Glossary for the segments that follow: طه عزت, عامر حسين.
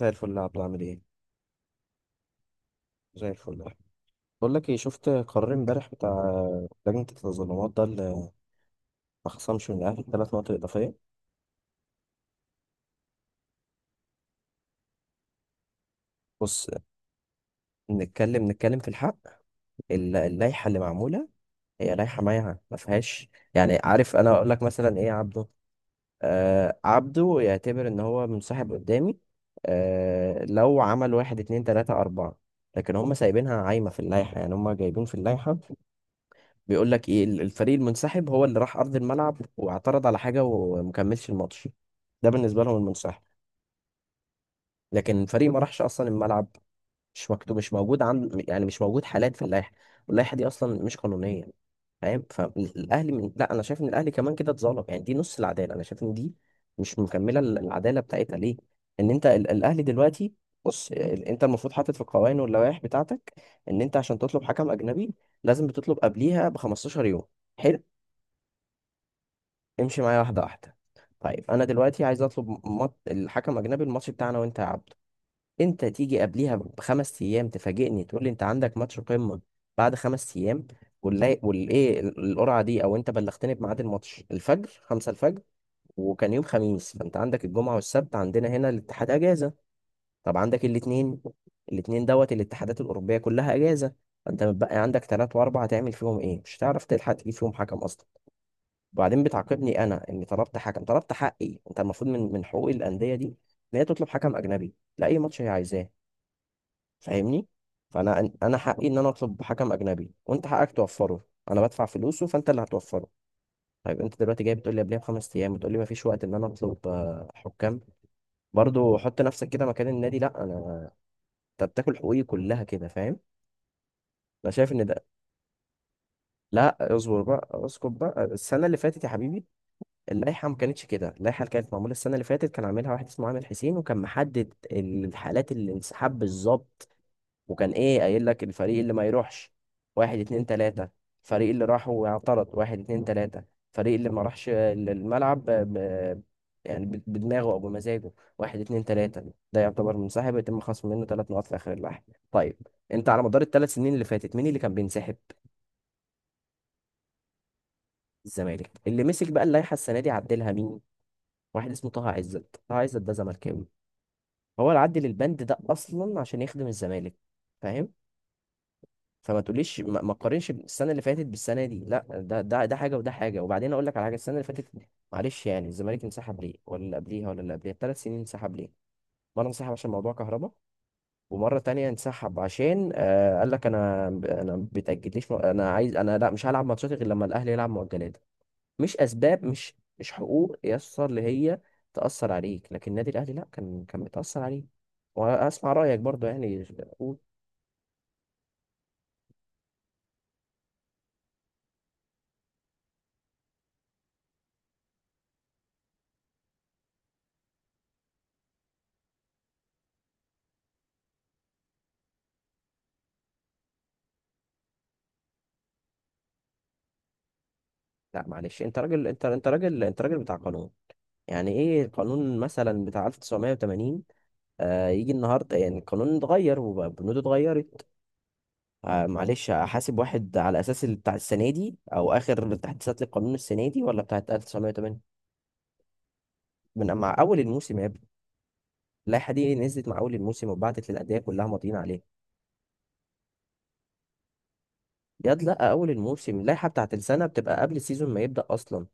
زي الفل يا عبدو، عامل ايه؟ زي الفل. بقول لك ايه، شفت قرار امبارح بتاع لجنة التظلمات ده اللي ما خصمش من الاهلي ثلاث نقط اضافية؟ بص، نتكلم في الحق. اللائحة اللي معمولة هي لائحة مايعة ما فيهاش، يعني عارف، انا اقول لك مثلا ايه يا عبدو؟ آه، عبدو يعتبر ان هو منسحب قدامي آه لو عمل واحد اتنين تلاتة اربعة، لكن هم سايبينها عايمة في اللائحة. يعني هم جايبين في اللائحة بيقول لك ايه، الفريق المنسحب هو اللي راح ارض الملعب واعترض على حاجه ومكملش الماتش. ده بالنسبه لهم المنسحب، لكن الفريق ما راحش اصلا الملعب، مش مكتوب، مش موجود عند، يعني مش موجود حالات في اللائحه. واللائحه دي اصلا مش قانونيه، فاهم؟ لا، انا شايف ان الاهلي كمان كده اتظلم، يعني دي نص العداله، انا شايف ان دي مش مكمله العداله بتاعتها. ليه؟ ان انت الاهلي دلوقتي، بص انت المفروض حاطط في القوانين واللوائح بتاعتك، ان انت عشان تطلب حكم اجنبي لازم بتطلب قبليها ب 15 يوم. حلو. امشي معايا واحدة واحدة. طيب أنا دلوقتي عايز أطلب الحكم أجنبي الماتش بتاعنا، وأنت يا عبده أنت تيجي قبليها بخمس أيام تفاجئني تقول لي أنت عندك ماتش قمة بعد خمس أيام، والإيه القرعة دي؟ أو أنت بلغتني بميعاد الماتش الفجر، خمسة الفجر، وكان يوم خميس، فأنت عندك الجمعة والسبت عندنا هنا الاتحاد أجازة. طب عندك الاتنين، الاتنين دوت الاتحادات الأوروبية كلها أجازة، فأنت متبقي عندك تلات وأربعة، تعمل فيهم إيه؟ مش هتعرف تلحق تجيب فيهم حكم أصلا. وبعدين بتعاقبني انا اني طلبت حكم، طلبت حقي. انت المفروض من حقوق الانديه دي ان هي تطلب حكم اجنبي لاي ماتش هي عايزاه، فاهمني؟ فانا انا حقي ان انا اطلب حكم اجنبي، وانت حقك توفره، انا بدفع فلوسه فانت اللي هتوفره. طيب انت دلوقتي جاي بتقول لي قبلها بخمس ايام، بتقول لي ما فيش وقت ان انا اطلب حكام؟ برضو حط نفسك كده مكان النادي. لا، انا انت بتاكل حقوقي كلها كده، فاهم؟ انا شايف ان ده. لا، اصبر بقى، اسكت بقى. السنه اللي فاتت يا حبيبي اللائحة ما كانتش كده، اللائحة اللي كانت معمولة السنة اللي فاتت كان عاملها واحد اسمه عامر حسين، وكان محدد الحالات الانسحاب بالظبط. وكان ايه قايل لك؟ الفريق اللي ما يروحش واحد اتنين تلاتة، الفريق اللي راح واعترض واحد اتنين تلاتة، الفريق اللي ما راحش الملعب يعني بدماغه او بمزاجه، واحد اتنين تلاتة، ده يعتبر منسحب يتم خصم منه ثلاث نقاط في اخر اللائحة. طيب، انت على مدار الثلاث سنين اللي فاتت مين اللي كان بينسحب؟ الزمالك. اللي مسك بقى اللائحة السنة دي عدلها مين؟ واحد اسمه طه عزت. طه عزت ده زملكاوي، هو العدل البند ده اصلا عشان يخدم الزمالك، فاهم؟ فما تقوليش ما تقارنش السنه اللي فاتت بالسنه دي، لا، ده حاجه وده حاجه. وبعدين اقول لك على حاجه، السنه اللي فاتت، معلش يعني الزمالك انسحب ليه؟ ولا اللي قبليها، ولا اللي قبليها، الثلاث سنين انسحب ليه؟ مره انسحب عشان موضوع كهرباء، ومره تانية انسحب عشان قال لك انا، انا بتاجليش، انا عايز، انا لا، مش هلعب ماتشات غير لما الاهلي يلعب مؤجلات، مش اسباب، مش حقوق يسر اللي هي تاثر عليك، لكن النادي الاهلي لا، كان بيتاثر عليه. واسمع رايك برضو، يعني قول. لا معلش، انت راجل، انت راجل، انت راجل بتاع قانون، يعني ايه القانون مثلا بتاع 1980 آه يجي النهارده؟ يعني القانون اتغير وبنوده اتغيرت، آه. معلش احاسب واحد على اساس بتاع السنه دي او اخر تحديثات للقانون السنه دي ولا بتاعت 1980؟ من مع اول الموسم يا ابني، اللائحه دي نزلت مع اول الموسم وبعتت للانديه كلها ماضيين عليها. ياد، لا، اول الموسم اللائحه بتاعت السنه بتبقى قبل السيزون ما يبدا اصلا.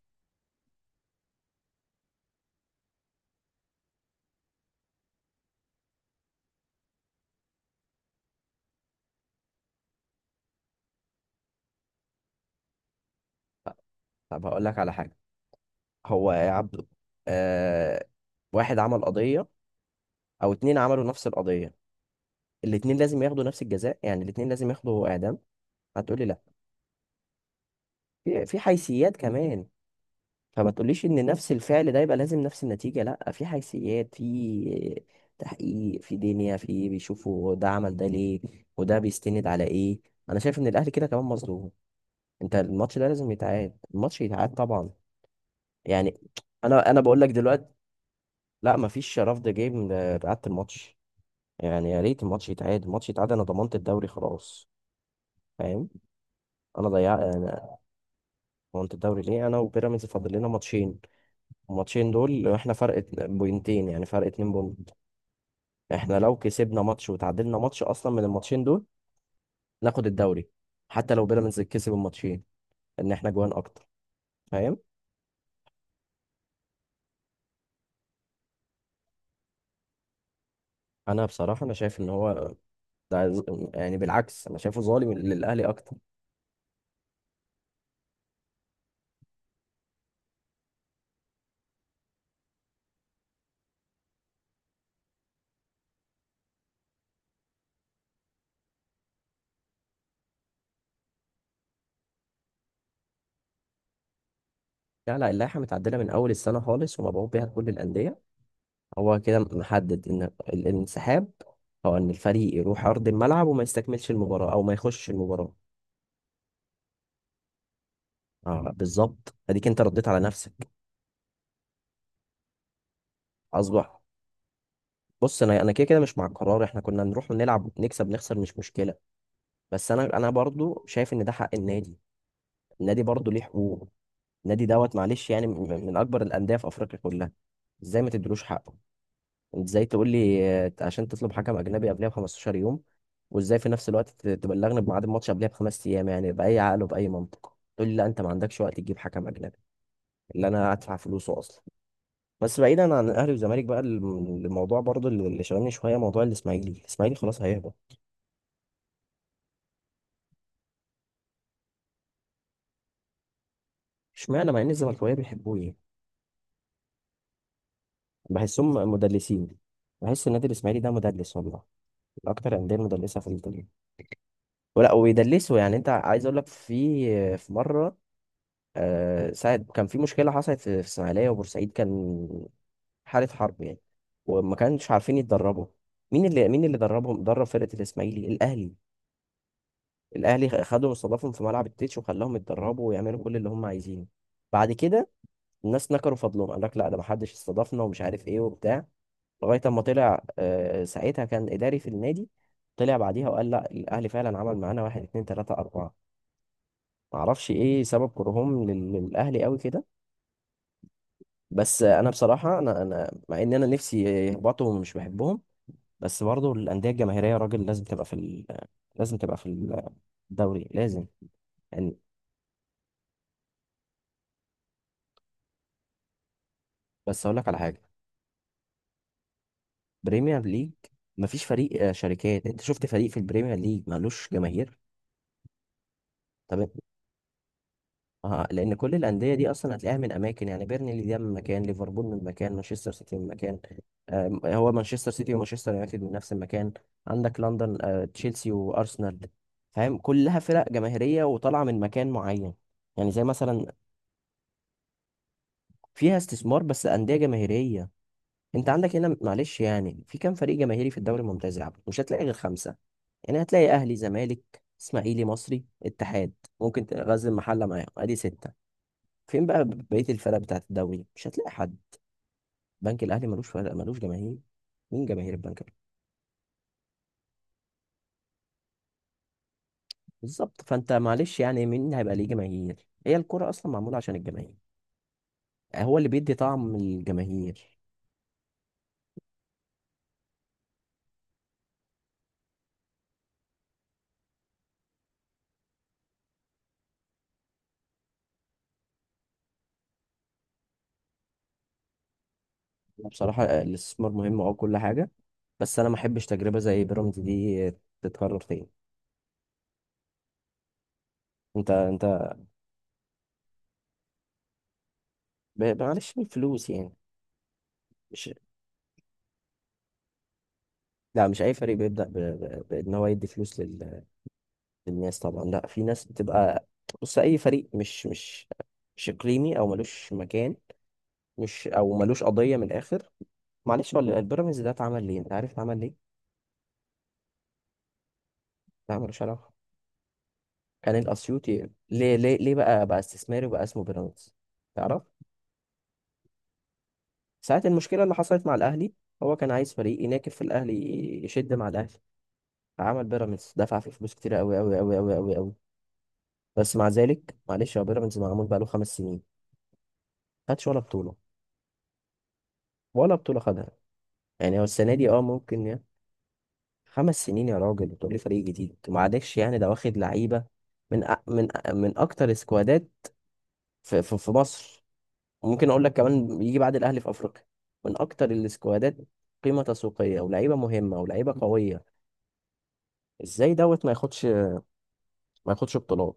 طب هقول لك على حاجه، هو يا عبده، آه، واحد عمل قضيه او اتنين عملوا نفس القضيه، الاتنين لازم ياخدوا نفس الجزاء، يعني الاتنين لازم ياخدوا اعدام؟ هتقولي لا، في حيثيات كمان. فما تقوليش ان نفس الفعل ده يبقى لازم نفس النتيجه، لا، في حيثيات، في تحقيق، في دنيا، في بيشوفوا ده عمل ده ليه وده بيستند على ايه. انا شايف ان الاهلي كده كمان مظلوم. انت الماتش ده لازم يتعاد، الماتش يتعاد طبعا. يعني انا بقول لك دلوقتي، لا مفيش رفض، جاي بعد الماتش، يعني يا ريت الماتش يتعاد، الماتش يتعاد. انا ضمنت الدوري خلاص، فاهم؟ انا ضيعت انا. ضمنت الدوري ليه؟ انا وبيراميدز فاضل لنا ماتشين، الماتشين دول احنا فرق بوينتين، يعني فرق اتنين بوينت، احنا لو كسبنا ماتش وتعادلنا ماتش اصلا من الماتشين دول ناخد الدوري، حتى لو بيراميدز كسب الماتشين، ان احنا جوان اكتر، فاهم؟ انا بصراحة انا شايف ان هو ده، يعني بالعكس انا شايفه ظالم للاهلي اكتر. لا لا، اللائحة متعدلة من أول السنة خالص ومبعوث بيها لكل الأندية، هو كده محدد إن الانسحاب هو إن الفريق يروح أرض الملعب وما يستكملش المباراة أو ما يخشش المباراة. آه بالظبط، أديك أنت رديت على نفسك. أصبح، بص أنا كده مش مع القرار، إحنا كنا نروح ونلعب نكسب نخسر مش مشكلة، بس أنا برضو شايف إن ده حق النادي، النادي برضو ليه حقوق. النادي دوت، معلش يعني من أكبر الأندية في أفريقيا كلها، إزاي ما تدلوش حقه؟ انت ازاي تقول لي عشان تطلب حكم اجنبي قبلها ب 15 يوم، وازاي في نفس الوقت تبلغني بميعاد الماتش قبلها بخمس ايام؟ يعني باي عقل وباي منطق تقول لي لا انت ما عندكش وقت تجيب حكم اجنبي اللي انا هدفع فلوسه اصلا؟ بس بعيدا عن الاهلي والزمالك بقى، الموضوع برضو اللي شغلني شويه موضوع الاسماعيلي، الاسماعيلي خلاص هيهبط. اشمعنى مع ان الزملكاويه بيحبوه؟ ايه؟ بحسهم مدلسين، بحس النادي الاسماعيلي ده مدلس والله، من اكتر الانديه المدلسه في الدنيا ولا ويدلسوا. يعني انت عايز اقول لك في مره، آه، ساعة كان في مشكلة حصلت في الإسماعيلية وبورسعيد، كان حالة حرب يعني، وما كانش عارفين يتدربوا. مين اللي دربهم؟ درب فرقة الإسماعيلي الأهلي، الأهلي خدهم، استضافهم في ملعب التتش وخلاهم يتدربوا ويعملوا كل اللي هم عايزينه. بعد كده الناس نكروا فضلهم، قال لك لا، ده ما حدش استضافنا ومش عارف ايه وبتاع، لغاية اما طلع، آه، ساعتها كان إداري في النادي، طلع بعديها وقال لا الأهلي فعلا عمل معانا واحد اتنين تلاتة أربعة. معرفش ايه سبب كرههم للأهلي قوي كده. بس انا بصراحه، انا مع ان انا نفسي يهبطوا ومش بحبهم، بس برضه الانديه الجماهيريه يا راجل لازم تبقى في لازم تبقى في الدوري لازم، يعني. بس اقول لك على حاجه، بريمير ليج مفيش فريق شركات. انت شفت فريق في البريمير ليج مالوش جماهير؟ طب، آه، لأن كل الأندية دي أصلا هتلاقيها من أماكن، يعني بيرنلي ده من مكان، ليفربول من مكان، مانشستر سيتي من مكان. آه، هو مانشستر سيتي ومانشستر يونايتد من نفس المكان. عندك لندن آه تشيلسي وأرسنال، فاهم؟ كلها فرق جماهيرية وطالعة من مكان معين، يعني زي مثلا. فيها استثمار بس أندية جماهيرية. أنت عندك هنا معلش يعني في كام فريق جماهيري في الدوري الممتاز يا عبد؟ مش هتلاقي غير خمسة، يعني هتلاقي أهلي زمالك إسماعيلي مصري اتحاد، ممكن تغزل محلة معاهم أدي ستة. فين بقى بقية الفرق بتاعت الدوري؟ مش هتلاقي حد. بنك الأهلي ملوش فرق، ملوش جماهير. مين جماهير البنك الأهلي؟ بالظبط. فأنت معلش يعني مين هيبقى ليه جماهير؟ هي الكرة أصلا معمولة عشان الجماهير، هو اللي بيدي طعم الجماهير. بصراحة الاستثمار مهم، أه كل حاجة، بس أنا ما أحبش تجربة زي بيراميدز دي تتكرر تاني. أنت معلش الفلوس يعني. مش، لا مش أي فريق بيبدأ بإن هو يدي فلوس، الناس طبعا، لا في ناس بتبقى. بص اي فريق، مش مش اقليمي او ملوش مكان، مش او ملوش قضيه. من الاخر معلش، هو البيراميدز ده اتعمل ليه انت عارف؟ اتعمل ليه؟ ده ملوش علاقه. كان الاسيوطي، ليه بقى، بقى استثماري وبقى اسمه بيراميدز تعرف؟ ساعه المشكله اللي حصلت مع الاهلي، هو كان عايز فريق يناكف في الاهلي، يشد مع الاهلي، فعمل بيراميدز، دفع فيه فلوس كتير قوي قوي قوي قوي قوي قوي. بس مع ذلك معلش، هو بيراميدز معمول بقاله خمس سنين، خدش ولا بطوله، ولا بطوله خدها. يعني هو السنة دي اه ممكن، يا خمس سنين يا راجل بتقولي فريق جديد؟ ومعلش يعني ده واخد لعيبة من أكتر سكوادات في مصر، وممكن أقول لك كمان يجي بعد الأهلي في أفريقيا من أكتر السكوادات قيمة تسويقية ولاعيبة مهمة ولاعيبة قوية. إزاي دوت ما ياخدش بطولات؟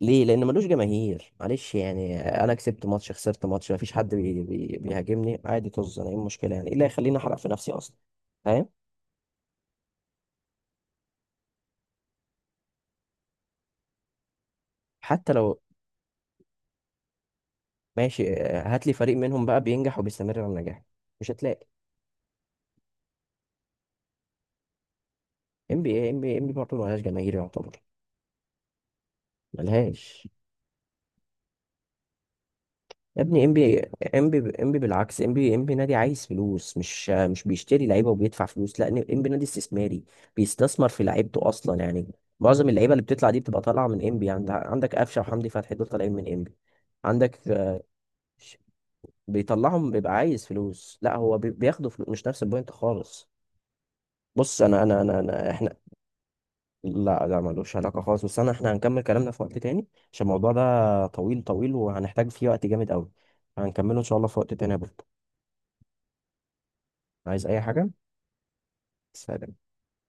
ليه؟ لأن ملوش جماهير. معلش يعني أنا كسبت ماتش خسرت ماتش مفيش حد بيهاجمني، عادي، طز، أنا إيه المشكلة؟ يعني إيه اللي هيخليني أحرق في نفسي أصلا؟ فاهم؟ حتى لو ماشي آه، هات لي فريق منهم بقى بينجح وبيستمر على النجاح، مش هتلاقي. ام بي اي ام بي ام بي برضه ملهاش جماهير يعتبر، ملهاش. يا ابني ام بي ام بي بالعكس، ام بي ام بي نادي عايز فلوس؟ مش آه، مش بيشتري لعيبه وبيدفع فلوس، لا ام بي نادي استثماري، بيستثمر في لعيبته اصلا يعني، معظم اللعيبه اللي بتطلع دي بتبقى طالعه من ام بي. عندك قفشه وحمدي فتحي دول طالعين من ام بي. عندك آه، ش- بيطلعهم بيبقى عايز فلوس؟ لا هو بياخدوا فلوس، مش نفس البوينت خالص. بص أنا احنا، لا لا ملوش علاقة خالص، بس أنا إحنا هنكمل كلامنا في وقت تاني، عشان الموضوع ده طويل طويل وهنحتاج فيه وقت جامد أوي، هنكمله إن شاء الله في وقت تاني يا بطل. عايز أي حاجة؟ سلام.